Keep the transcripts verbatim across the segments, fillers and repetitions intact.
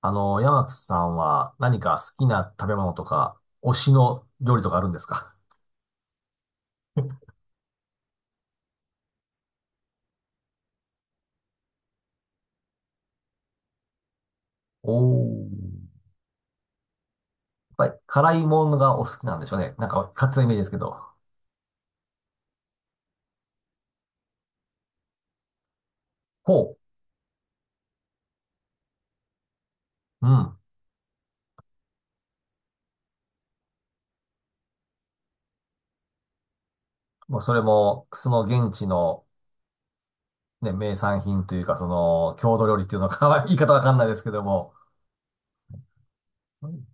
あの、山木さんは何か好きな食べ物とか、推しの料理とかあるんですか？ おー。やっぱり辛いものがお好きなんでしょうね。なんか勝手なイメージですけど。ほう。うん。もうそれも、その現地のね、名産品というか、その、郷土料理っていうのか、言い方わかんないですけども、うん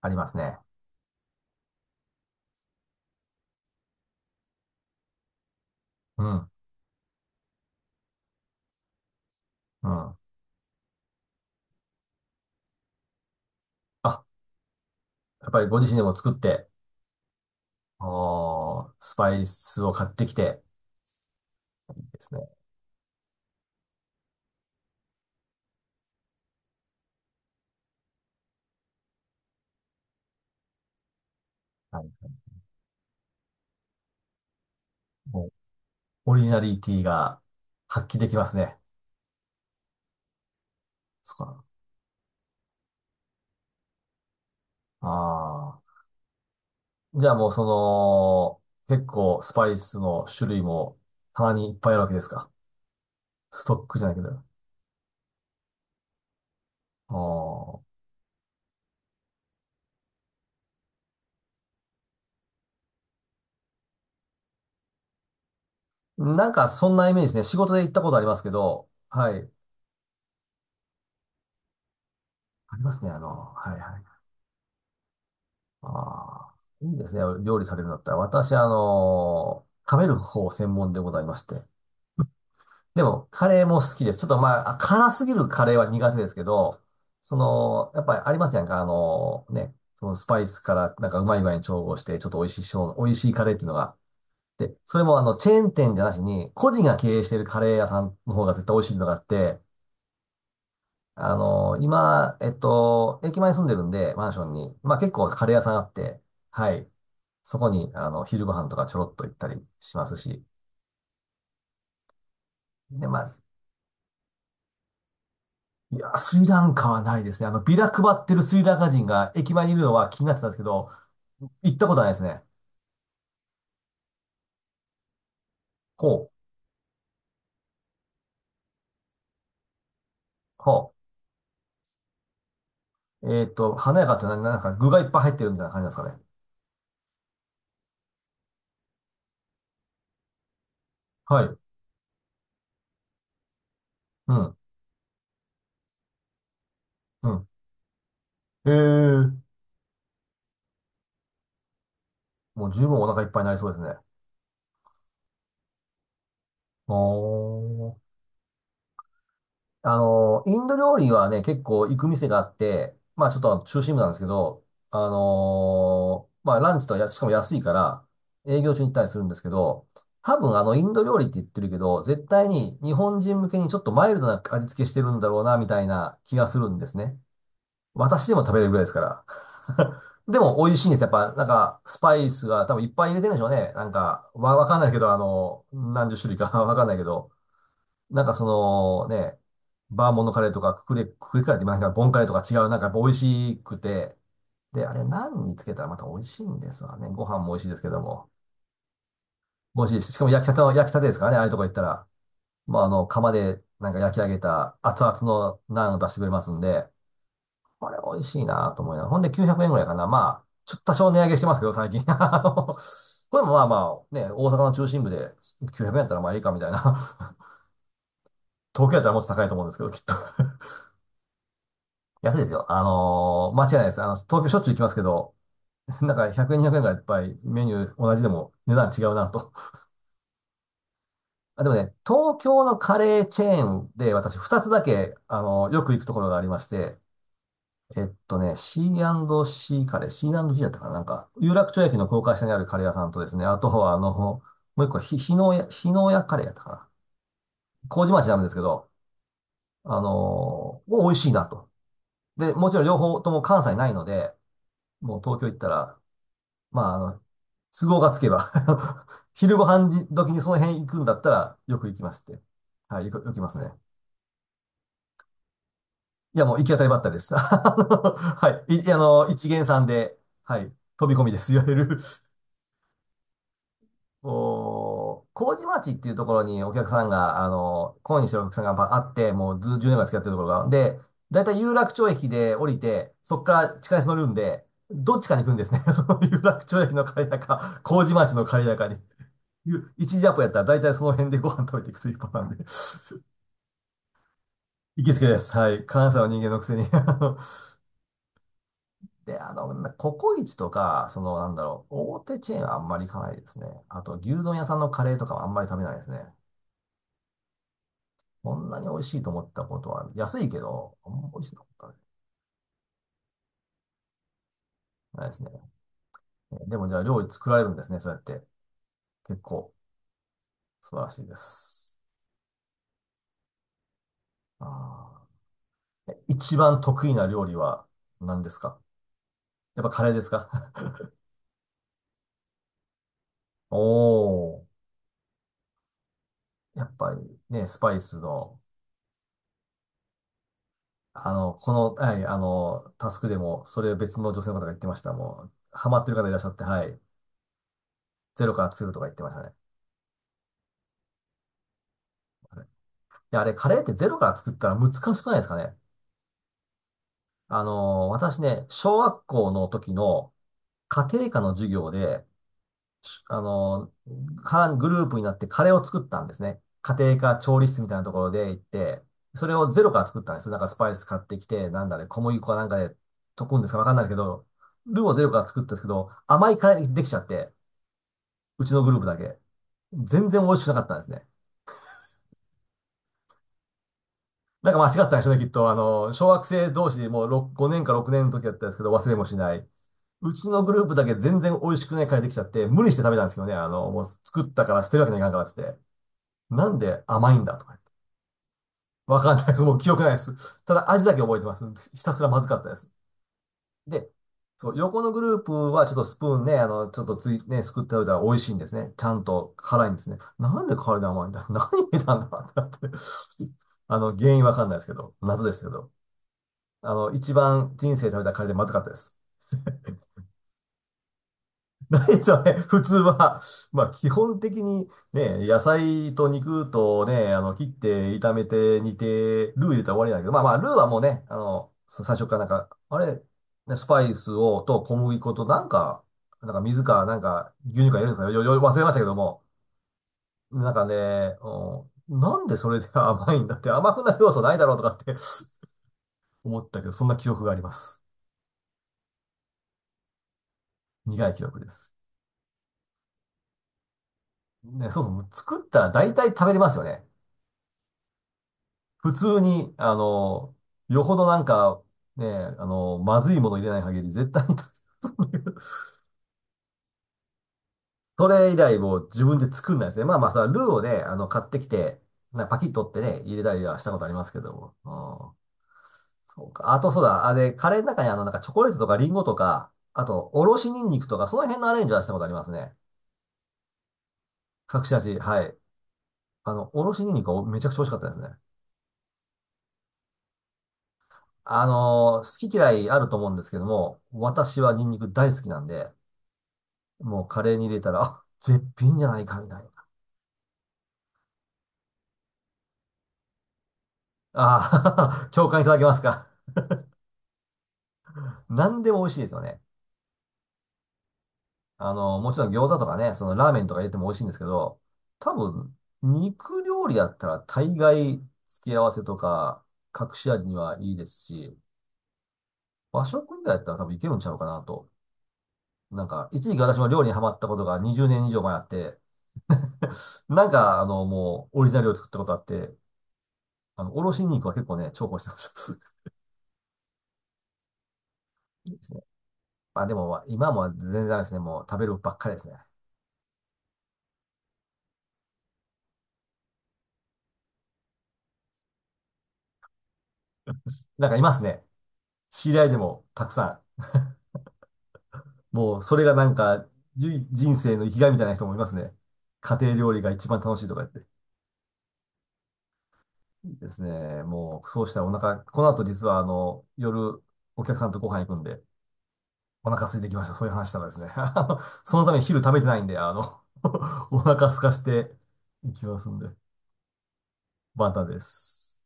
ありますね。うん。うん。あ、やっぱりご自身でも作って、おー、スパイスを買ってきて、ですね。はい。もうオリジナリティが発揮できますね。そっか。ああ。じゃあもうその、結構スパイスの種類も棚にいっぱいあるわけですか？ストックじゃないけど。ああ。なんかそんなイメージですね。仕事で行ったことありますけど、はい。ありますね、あの、はいはい。ああ。いいですね。料理されるんだったら。私、あの、食べる方専門でございまして。でも、カレーも好きです。ちょっとまあ、辛すぎるカレーは苦手ですけど、その、やっぱりありますやんか、あの、ね、そのスパイスからなんかうまい具合に調合して、ちょっと美味しいしょう、美味しいカレーっていうのが。で、それもあの、チェーン店じゃなしに、個人が経営しているカレー屋さんの方が絶対美味しいのがあって、あの、今、えっと、駅前に住んでるんで、マンションに、まあ結構カレー屋さんあって、はい、そこに、あの、昼ご飯とかちょろっと行ったりしますし、で、まあ、いや、スリランカはないですね。あの、ビラ配ってるスリランカ人が駅前にいるのは気になってたんですけど、行ったことはないですね。ほう、ほう。えっと、華やかって、な、なんか具がいっぱい入ってるみたいな感じなんですかね。はい。うん、うん。ええもう十分お腹いっぱいになりそうですね。おー。あの、インド料理はね、結構行く店があって、まあちょっと中心部なんですけど、あのーまあランチとや、しかも安いから、営業中に行ったりするんですけど、多分あのインド料理って言ってるけど、絶対に日本人向けにちょっとマイルドな味付けしてるんだろうな、みたいな気がするんですね。私でも食べれるぐらいですから。でも美味しいんですやっぱ、なんか、スパイスが多分いっぱい入れてるんでしょうね。なんか、わ、わかんないけど、あの、何十種類か わかんないけど。なんかそのね、バーモントカレーとかククレ、ククレカレーって言いますか、ボンカレーとか違う、なんかやっぱ美味しくて、で、あれ何につけたらまた美味しいんですわね。ご飯も美味しいですけども。美味しいし、しかも焼きたての、焼きたてですからね、ああいうとこ行ったら。まあ、あの、釜でなんか焼き上げた熱々のナンを出してくれますんで、これ美味しいなと思いながら。ほんできゅうひゃくえんぐらいかな。まあ、ちょっと多少値上げしてますけど、最近。あの、これもまあまあ、ね、大阪の中心部できゅうひゃくえんやったらまあいいかみたいな。東京やったらもっと高いと思うんですけど、きっと。安いですよ。あのー間違いないです。あの、東京しょっちゅう行きますけど、なんかひゃくえん、にひゃくえんぐらいいっぱいメニュー同じでも値段違うなと。あ、でもね、東京のカレーチェーンで私ふたつだけ、あのーよく行くところがありまして、えっとね、シーアンドシー カレー、シーアンドジー だったかな、なんか、有楽町駅の高架下にあるカレー屋さんとですね、あとはあの、もう一個ひ、日野屋、日野屋カレーやったかな。麹町なんですけど、あのーもう美味しいなと。で、もちろん両方とも関西ないので、もう東京行ったら、まあ、あの、都合がつけば 昼ご飯時時にその辺行くんだったら、よく行きまして。はい、よく行きますね。いや、もう行き当たりばったりです。あのはい。い、あの、一見さんで、はい、飛び込みです。いわゆるこ う、麹町っていうところにお客さんが、あの、懇意にしてるお客さんがあって、もうず、じゅうねんぐらい付き合ってるところが。で、だいたい有楽町駅で降りて、そこから地下鉄乗るんで、どっちかに行くんですね。その有楽町駅の帰りだか、麹町の帰りだかに。いう一時アポやったら大体その辺でご飯食べていくというパターンで 行きつけです。はい。関西の人間のくせに あので、あの、なココイチとか、その、なんだろう、大手チェーンはあんまり行かないですね。あと、牛丼屋さんのカレーとかはあんまり食べないですね。こんなに美味しいと思ったことは、安いけど、あんま美味しいと思ったことないですね。でもじゃあ料理作られるんですね、そうやって。結構、素晴らしいです。あー、え一番得意な料理は何ですか？やっぱカレーですか？ おー。やっぱりね、スパイスの、あの、この、はい、あの、タスクでも、それを別の女性の方が言ってました。もう、ハマってる方いらっしゃって、はい、ゼロから作るとか言ってましたね。いや、あれ、カレーってゼロから作ったら難しくないですかね。あの、私ね、小学校の時の家庭科の授業で、あの、かグループになってカレーを作ったんですね。家庭科調理室みたいなところで行って、それをゼロから作ったんです。なんかスパイス買ってきて、なんだね、小麦粉かなんかで溶くんですかわかんないけど、ルーをゼロから作ったんですけど、甘いカレーできちゃって、うちのグループだけ。全然美味しくなかったんですね。なんか間違ったんでしょうね、きっと。あの、小学生同士でもう6 ごねんかろくねんの時だったんですけど、忘れもしない。うちのグループだけ全然美味しくないカレーできちゃって、無理して食べたんですよね。あの、もう作ったから捨てるわけにはいかんからっつって。なんで甘いんだとか言って。わかんないです。もう記憶ないです。ただ味だけ覚えてます。ひたすらまずかったです。で、そう、横のグループはちょっとスプーンね、あの、ちょっとつい、ね、すくっておいたら美味しいんですね。ちゃんと辛いんですね。なんで辛いで甘いんだ 何入れたんだってなって。あの、原因わかんないですけど、謎ですけど。あの、一番人生で食べたカレーでまずかったです。何それ、普通は、まあ基本的にね、野菜と肉とね、あの、切って炒めて煮て、ルー入れたら終わりだけど、まあまあ、ルーはもうね、あの、さ最初からなんか、あれ、ね、スパイスを、と小麦粉となんか、なんか水か、なんか牛乳か入れるんですかよ、よ、よ忘れましたけども、なんかね、うんなんでそれで甘いんだって、甘くなる要素ないだろうとかって 思ったけど、そんな記憶があります。苦い記憶です。ね、そうそう、作ったら大体食べれますよね。普通に、あの、よほどなんか、ね、あの、まずいもの入れない限り絶対に それ以来もう自分で作んないですね。まあまあ、それはルーをね、あの、買ってきて、なんかパキッと取ってね、入れたりはしたことありますけども。うん。そうか。あとそうだ。あれ、カレーの中にあの、なんかチョコレートとかリンゴとか、あと、おろしニンニクとか、その辺のアレンジはしたことありますね。隠し味。はい。あの、おろしニンニクはめちゃくちゃ美味しかったですね。あの、好き嫌いあると思うんですけども、私はニンニク大好きなんで、もうカレーに入れたら、あ、絶品じゃないかみたいな。ああ、共感いただけますか？何でも美味しいですよね。あの、もちろん餃子とかね、そのラーメンとか入れても美味しいんですけど、多分、肉料理だったら大概付け合わせとか隠し味にはいいですし、和食以外だったら多分いけるんちゃうかなと。なんか、一時期私も料理にハマったことがにじゅうねん以上前あって、なんか、あの、もう、オリジナルを作ったことあって、あの、おろし肉は結構ね、重宝してました。いいですね。まあでも、今も全然ダメですね。もう食べるばっかりですね。なんかいますね。知り合いでもたくさん。もうそれがなんか、じゅ人生の生きがいみたいな人もいますね。家庭料理が一番楽しいとか言って。ですね。もう、そうしたらお腹、この後実はあの、夜、お客さんとご飯行くんで、お腹空いてきました。そういう話したらですね。あの、そのために昼食べてないんで、あの お腹空かしていきますんで。バタです。